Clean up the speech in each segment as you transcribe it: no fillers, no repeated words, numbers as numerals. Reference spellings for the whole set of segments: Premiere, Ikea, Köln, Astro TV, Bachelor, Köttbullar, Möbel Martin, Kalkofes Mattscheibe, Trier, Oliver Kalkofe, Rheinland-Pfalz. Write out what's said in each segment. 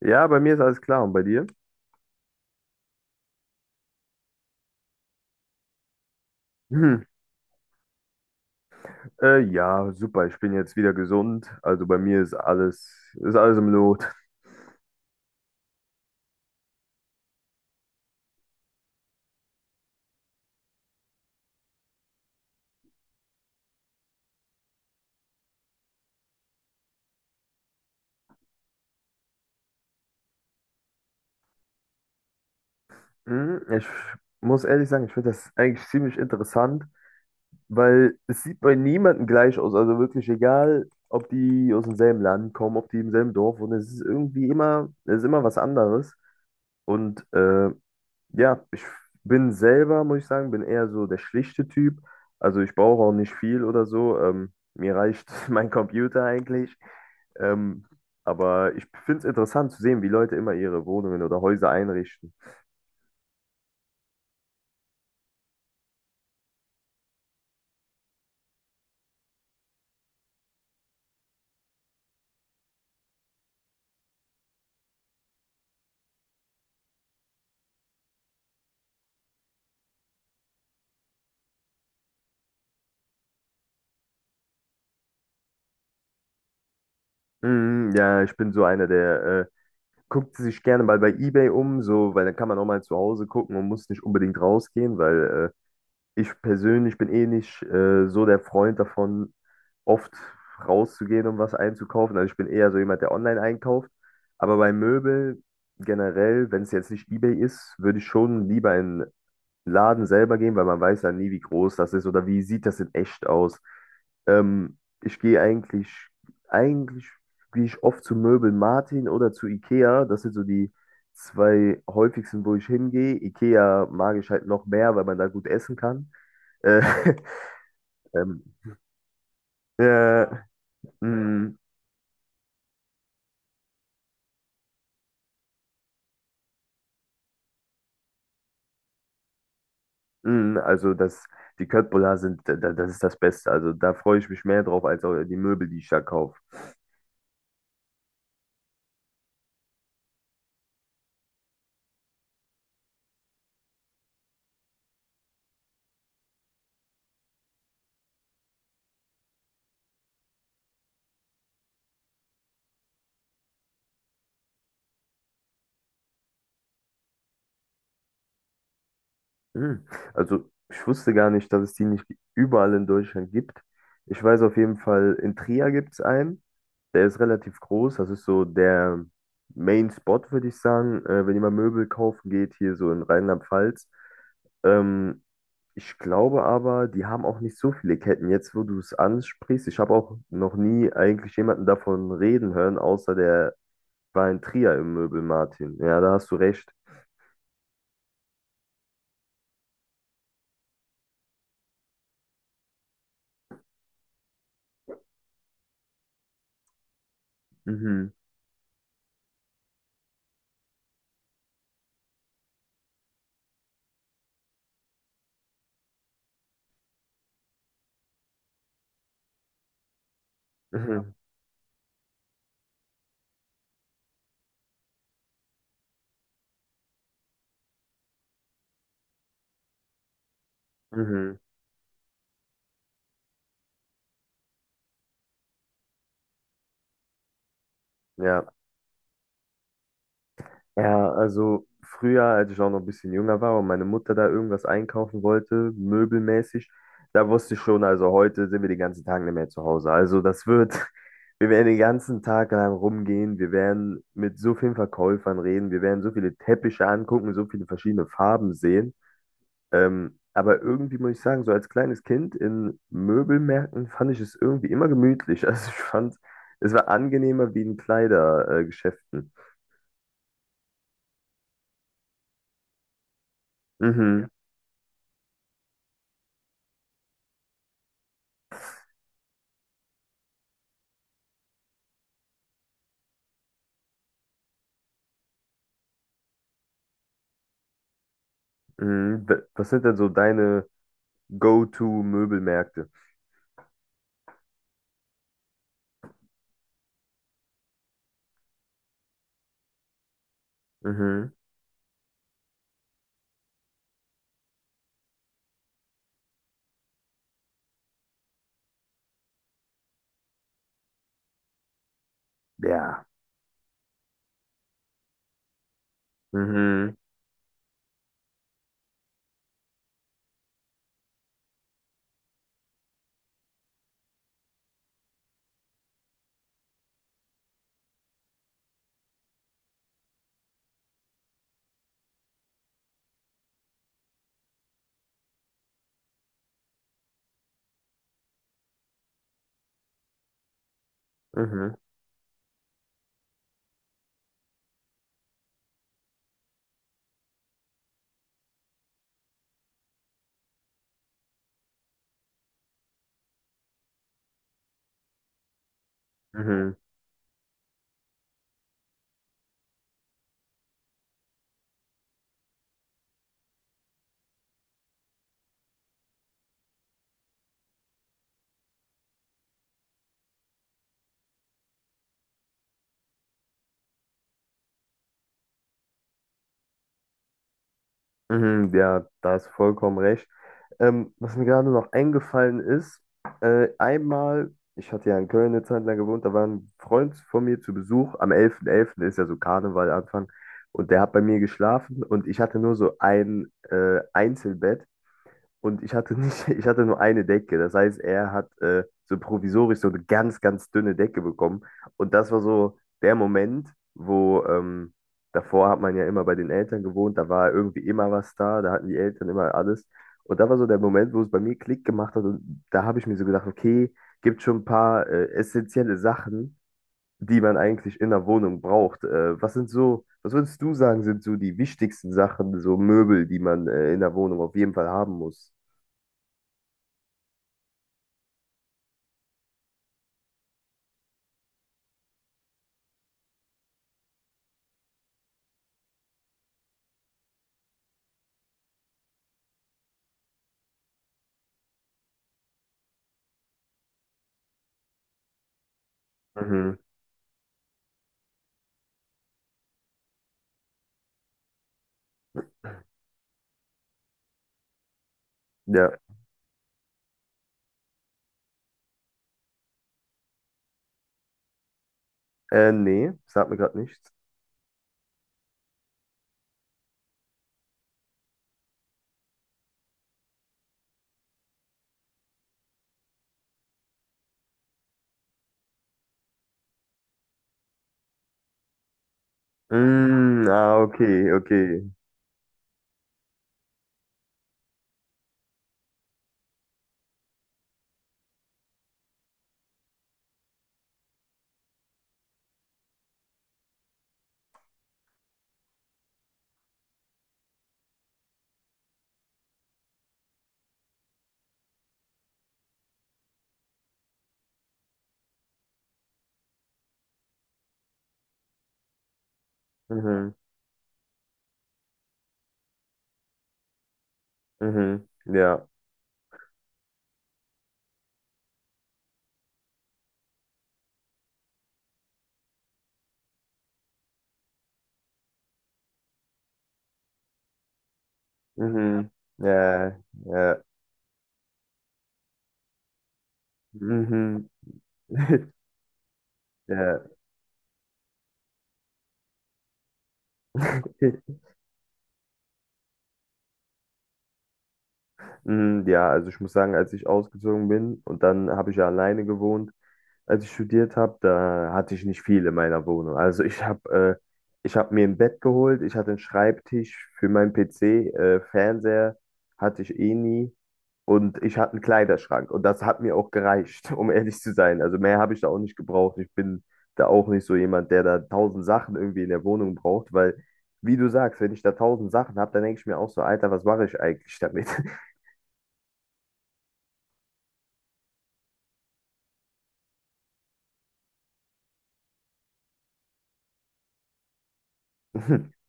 Ja, bei mir ist alles klar und bei dir? Hm. Ja, super. Ich bin jetzt wieder gesund. Also bei mir ist alles im Lot. Hm, ich muss ehrlich sagen, ich finde das eigentlich ziemlich interessant, weil es sieht bei niemandem gleich aus. Also wirklich egal, ob die aus demselben Land kommen, ob die im selben Dorf wohnen, es ist irgendwie immer, es ist immer was anderes. Und ja, ich bin selber, muss ich sagen, bin eher so der schlichte Typ. Also ich brauche auch nicht viel oder so. Mir reicht mein Computer eigentlich. Ähm, aber ich finde es interessant zu sehen, wie Leute immer ihre Wohnungen oder Häuser einrichten. Mm, ja, ich bin so einer, der guckt sich gerne mal bei eBay um, so, weil dann kann man auch mal zu Hause gucken und muss nicht unbedingt rausgehen, weil ich persönlich bin eh nicht so der Freund davon, oft rauszugehen, um was einzukaufen. Also ich bin eher so jemand, der online einkauft. Aber bei Möbel generell, wenn es jetzt nicht eBay ist, würde ich schon lieber in den Laden selber gehen, weil man weiß ja nie, wie groß das ist oder wie sieht das in echt aus. Ähm, ich gehe eigentlich, eigentlich gehe ich oft zu Möbel Martin oder zu Ikea. Das sind so die zwei häufigsten, wo ich hingehe. Ikea mag ich halt noch mehr, weil man da gut essen kann. Äh, ähm, äh, mm, also das, die Köttbullar sind, das ist das Beste. Also da freue ich mich mehr drauf als auch die Möbel, die ich da kaufe. Mm, also ich wusste gar nicht, dass es die nicht überall in Deutschland gibt. Ich weiß auf jeden Fall, in Trier gibt es einen. Der ist relativ groß. Das ist so der Main Spot, würde ich sagen. Wenn jemand Möbel kaufen geht, hier so in Rheinland-Pfalz. Ähm, Ich glaube aber, die haben auch nicht so viele Ketten. Jetzt, wo du es ansprichst, ich habe auch noch nie eigentlich jemanden davon reden hören, außer der war in Trier im Möbel, Martin. Ja, da hast du recht. Mhm. Mhm. Mhm. Ja. Ja, also früher, als ich auch noch ein bisschen jünger war und meine Mutter da irgendwas einkaufen wollte, möbelmäßig, da wusste ich schon, also heute sind wir den ganzen Tag nicht mehr zu Hause. Also das wird, wir werden den ganzen Tag lang rumgehen, wir werden mit so vielen Verkäufern reden, wir werden so viele Teppiche angucken, so viele verschiedene Farben sehen. Aber irgendwie muss ich sagen, so als kleines Kind in Möbelmärkten fand ich es irgendwie immer gemütlich. Also ich fand, es war angenehmer wie in Kleidergeschäften. Mhm. Mhm. Was sind denn so deine Go-to-Möbelmärkte? Mhm. Ja. Mhm. Mhm. Mhm. Mhm. Ja, da hast du vollkommen recht. Was mir gerade noch eingefallen ist, einmal, ich hatte ja in Köln eine Zeit lang gewohnt, da war ein Freund von mir zu Besuch. Am elften, elften ist ja so Karneval Anfang. Und der hat bei mir geschlafen und ich hatte nur so ein Einzelbett. Und ich hatte nicht, ich hatte nur eine Decke. Das heißt, er hat so provisorisch so eine ganz, ganz dünne Decke bekommen. Und das war so der Moment, wo davor hat man ja immer bei den Eltern gewohnt, da war irgendwie immer was da, da hatten die Eltern immer alles. Und da war so der Moment, wo es bei mir Klick gemacht hat. Und da habe ich mir so gedacht, okay, gibt schon ein paar essentielle Sachen, die man eigentlich in der Wohnung braucht. Was sind so, was würdest du sagen, sind so die wichtigsten Sachen, so Möbel, die man in der Wohnung auf jeden Fall haben muss? Mhm. Ja. Nee, sagt mir gerade nichts. Mm, ah, okay, okay. Mhm. Mhm. Ja. Mhm. Ja. Ja. Mhm. Ja. Mm, ja, also ich muss sagen, als ich ausgezogen bin und dann habe ich ja alleine gewohnt, als ich studiert habe, da hatte ich nicht viel in meiner Wohnung. Also ich habe ich habe mir ein Bett geholt, ich hatte einen Schreibtisch für meinen PC, Fernseher hatte ich eh nie. Und ich hatte einen Kleiderschrank und das hat mir auch gereicht, um ehrlich zu sein. Also mehr habe ich da auch nicht gebraucht. Ich bin da auch nicht so jemand, der da tausend Sachen irgendwie in der Wohnung braucht, weil, wie du sagst, wenn ich da tausend Sachen habe, dann denke ich mir auch so, Alter, was mache ich eigentlich damit?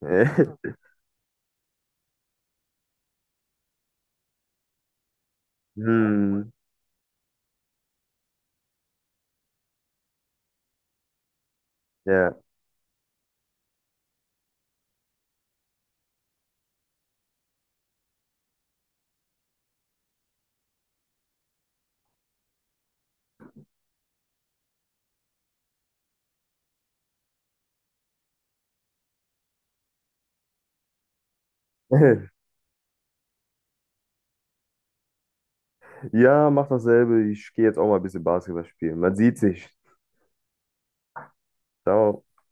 Äh, Hm, ja. Ja, mach dasselbe. Ich gehe jetzt auch mal ein bisschen Basketball spielen. Man sieht sich. Ciao.